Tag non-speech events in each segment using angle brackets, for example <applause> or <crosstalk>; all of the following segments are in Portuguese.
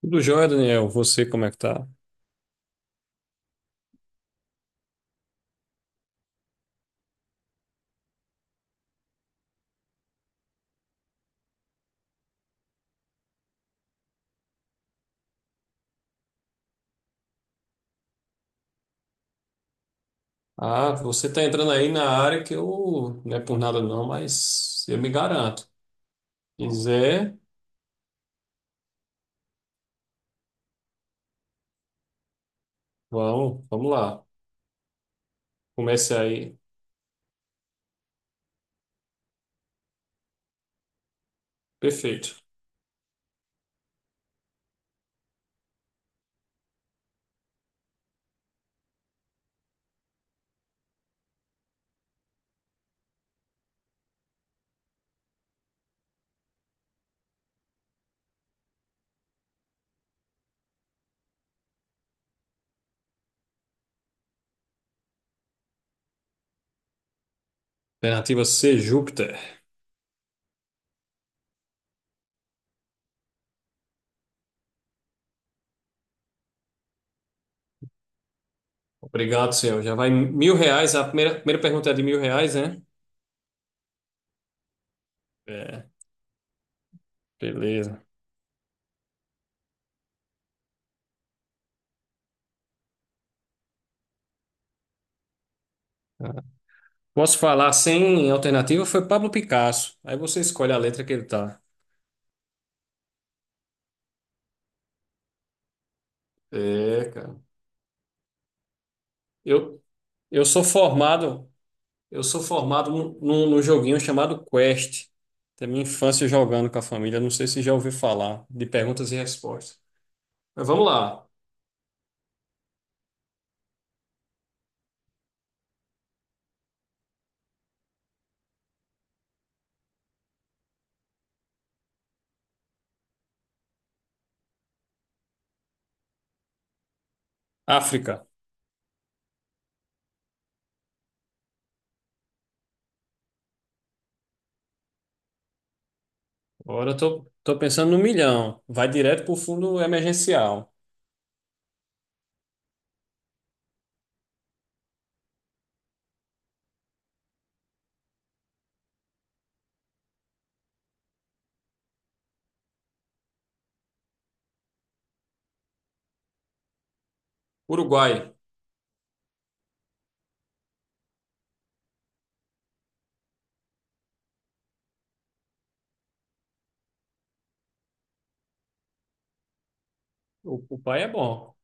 Tudo jóia, Daniel. Você, como é que tá? Ah, você tá entrando aí na área que eu, não é por nada não, mas eu me garanto. Quiser, vamos, vamos lá. Comece aí. Perfeito. Alternativa C, Júpiter. Obrigado, senhor. Já vai mil reais. A primeira pergunta é de mil reais, né? É, beleza. Tá. Posso falar sem alternativa? Foi Pablo Picasso. Aí você escolhe a letra que ele tá. É, cara. Eu, eu sou formado, eu sou formado num joguinho chamado Quest. Da minha infância jogando com a família. Não sei se já ouviu falar de perguntas e respostas. Mas vamos lá. África. Agora eu tô pensando no milhão. Vai direto pro fundo emergencial. Uruguai. O pai é bom.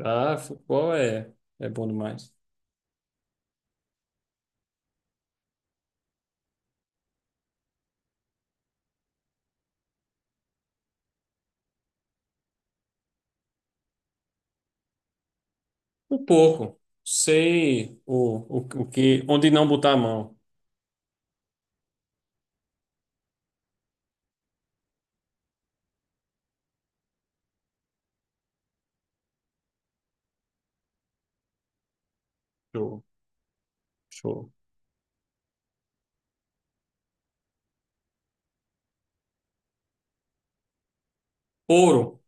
Ah, futebol é bom demais. Um pouco. Sei o que, onde não botar a mão. Show, show. Ouro.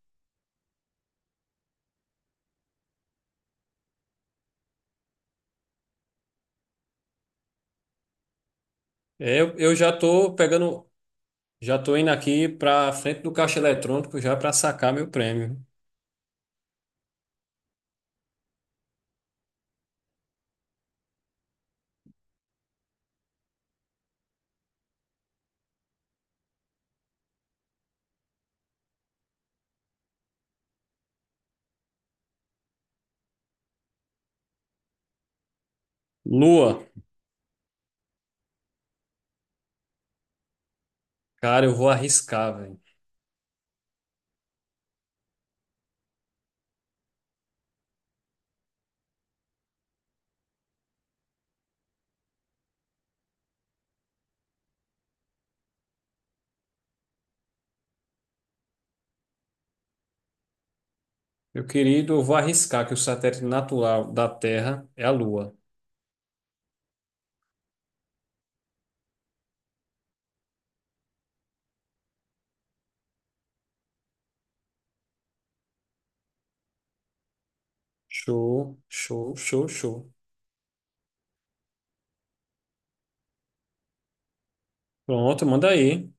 É, eu já tô pegando, já tô indo aqui pra frente do caixa eletrônico já pra sacar meu prêmio. Lua. Cara, eu vou arriscar, velho. Meu querido, eu vou arriscar que o satélite natural da Terra é a Lua. Show, show, show, show. Pronto, manda aí.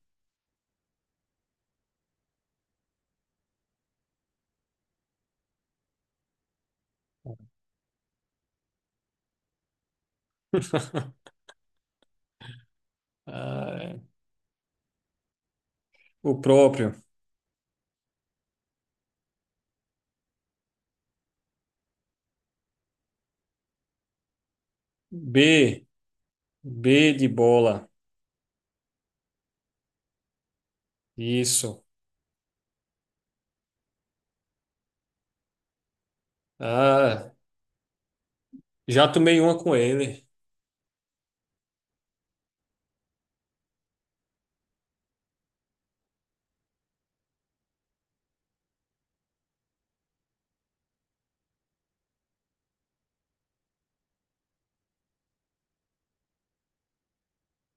Ah, o próprio. B, B de bola. Isso. Ah, já tomei uma com ele.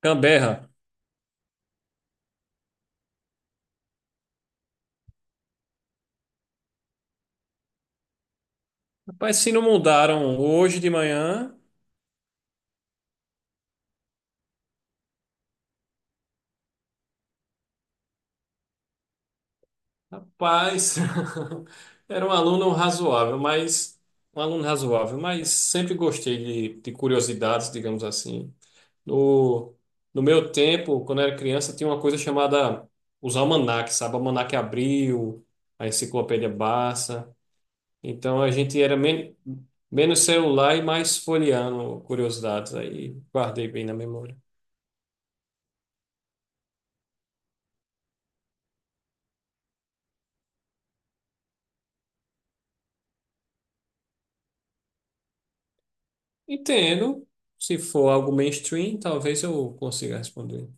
Camberra. Rapaz, se não mudaram hoje de manhã, rapaz, <laughs> era um aluno razoável, mas um aluno razoável, mas sempre gostei de curiosidades, digamos assim. No, no meu tempo, quando eu era criança, tinha uma coisa chamada os almanaques, sabe? O Almanaque Abril, a Enciclopédia Barça. Então a gente era menos celular e mais folheando curiosidades. Aí guardei bem na memória. Entendo. Se for algo mainstream, talvez eu consiga responder.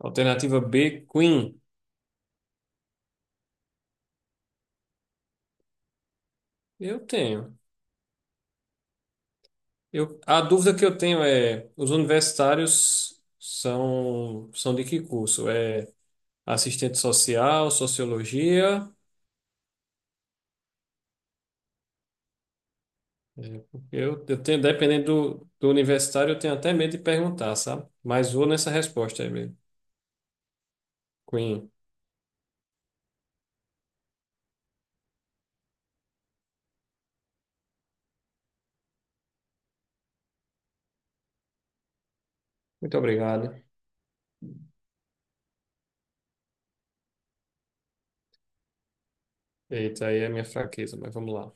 Alternativa B, Queen. Eu tenho. Eu, a dúvida que eu tenho é: os universitários são de que curso? É. Assistente social, sociologia. É, porque eu tenho, dependendo do universitário, eu tenho até medo de perguntar, sabe? Mas vou nessa resposta aí mesmo. Queen, muito obrigado. Eita, aí é a minha fraqueza, mas vamos lá,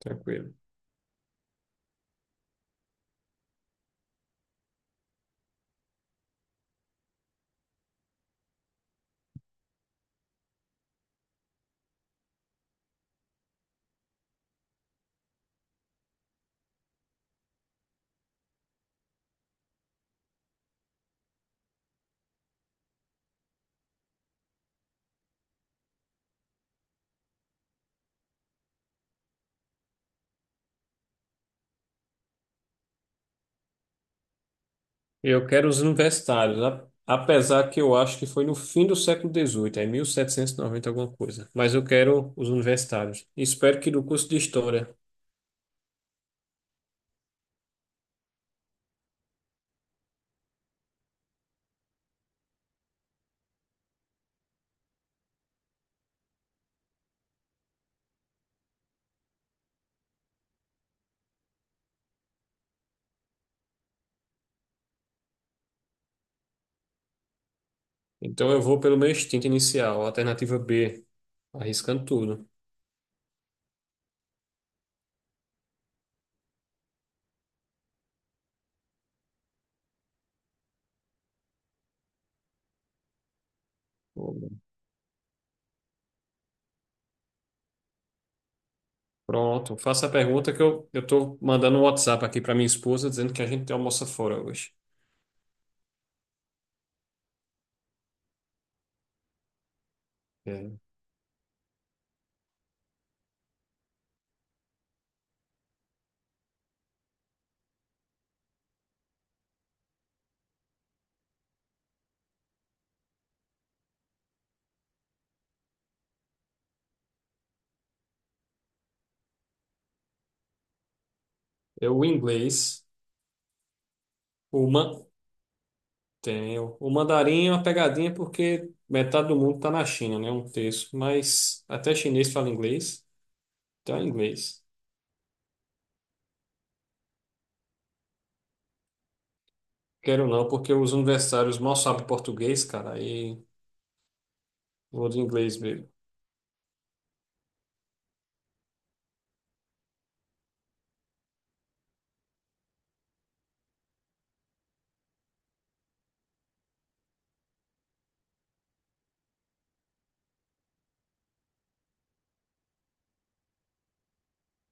tranquilo. Eu quero os universitários, apesar que eu acho que foi no fim do século XVIII, é 1790 alguma coisa. Mas eu quero os universitários. Espero que do curso de História. Então eu vou pelo meu instinto inicial, alternativa B, arriscando tudo. Pronto, faça a pergunta que eu tô mandando um WhatsApp aqui para minha esposa dizendo que a gente tem almoça fora hoje. É, é o inglês, o, man, tem, o mandarim é uma pegadinha porque metade do mundo está na China, né? Um terço, mas até chinês fala inglês, então é inglês. Quero não, porque os universitários mal sabem português, cara, aí vou de inglês mesmo.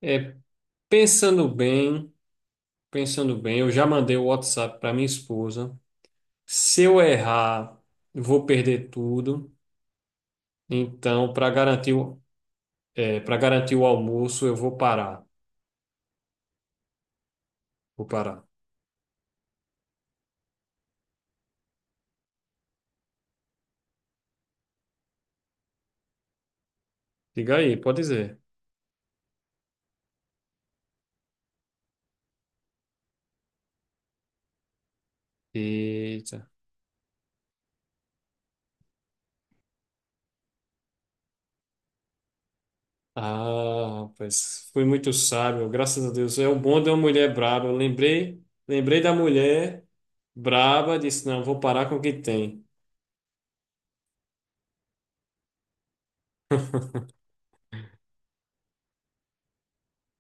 É, pensando bem, pensando bem, eu já mandei o WhatsApp para minha esposa. Se eu errar, eu vou perder tudo. Então, para garantir, é, para garantir o almoço, eu vou parar. Vou parar. Diga aí, pode dizer. Eita. Ah, rapaz, fui muito sábio, graças a Deus. É o bom de uma mulher braba. Eu lembrei da mulher braba, disse, não, vou parar com o que tem.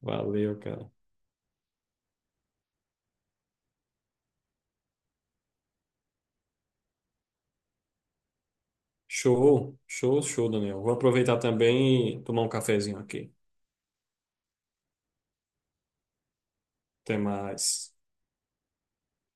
Valeu, cara. Show, show, show, Daniel. Vou aproveitar também e tomar um cafezinho aqui. Até mais.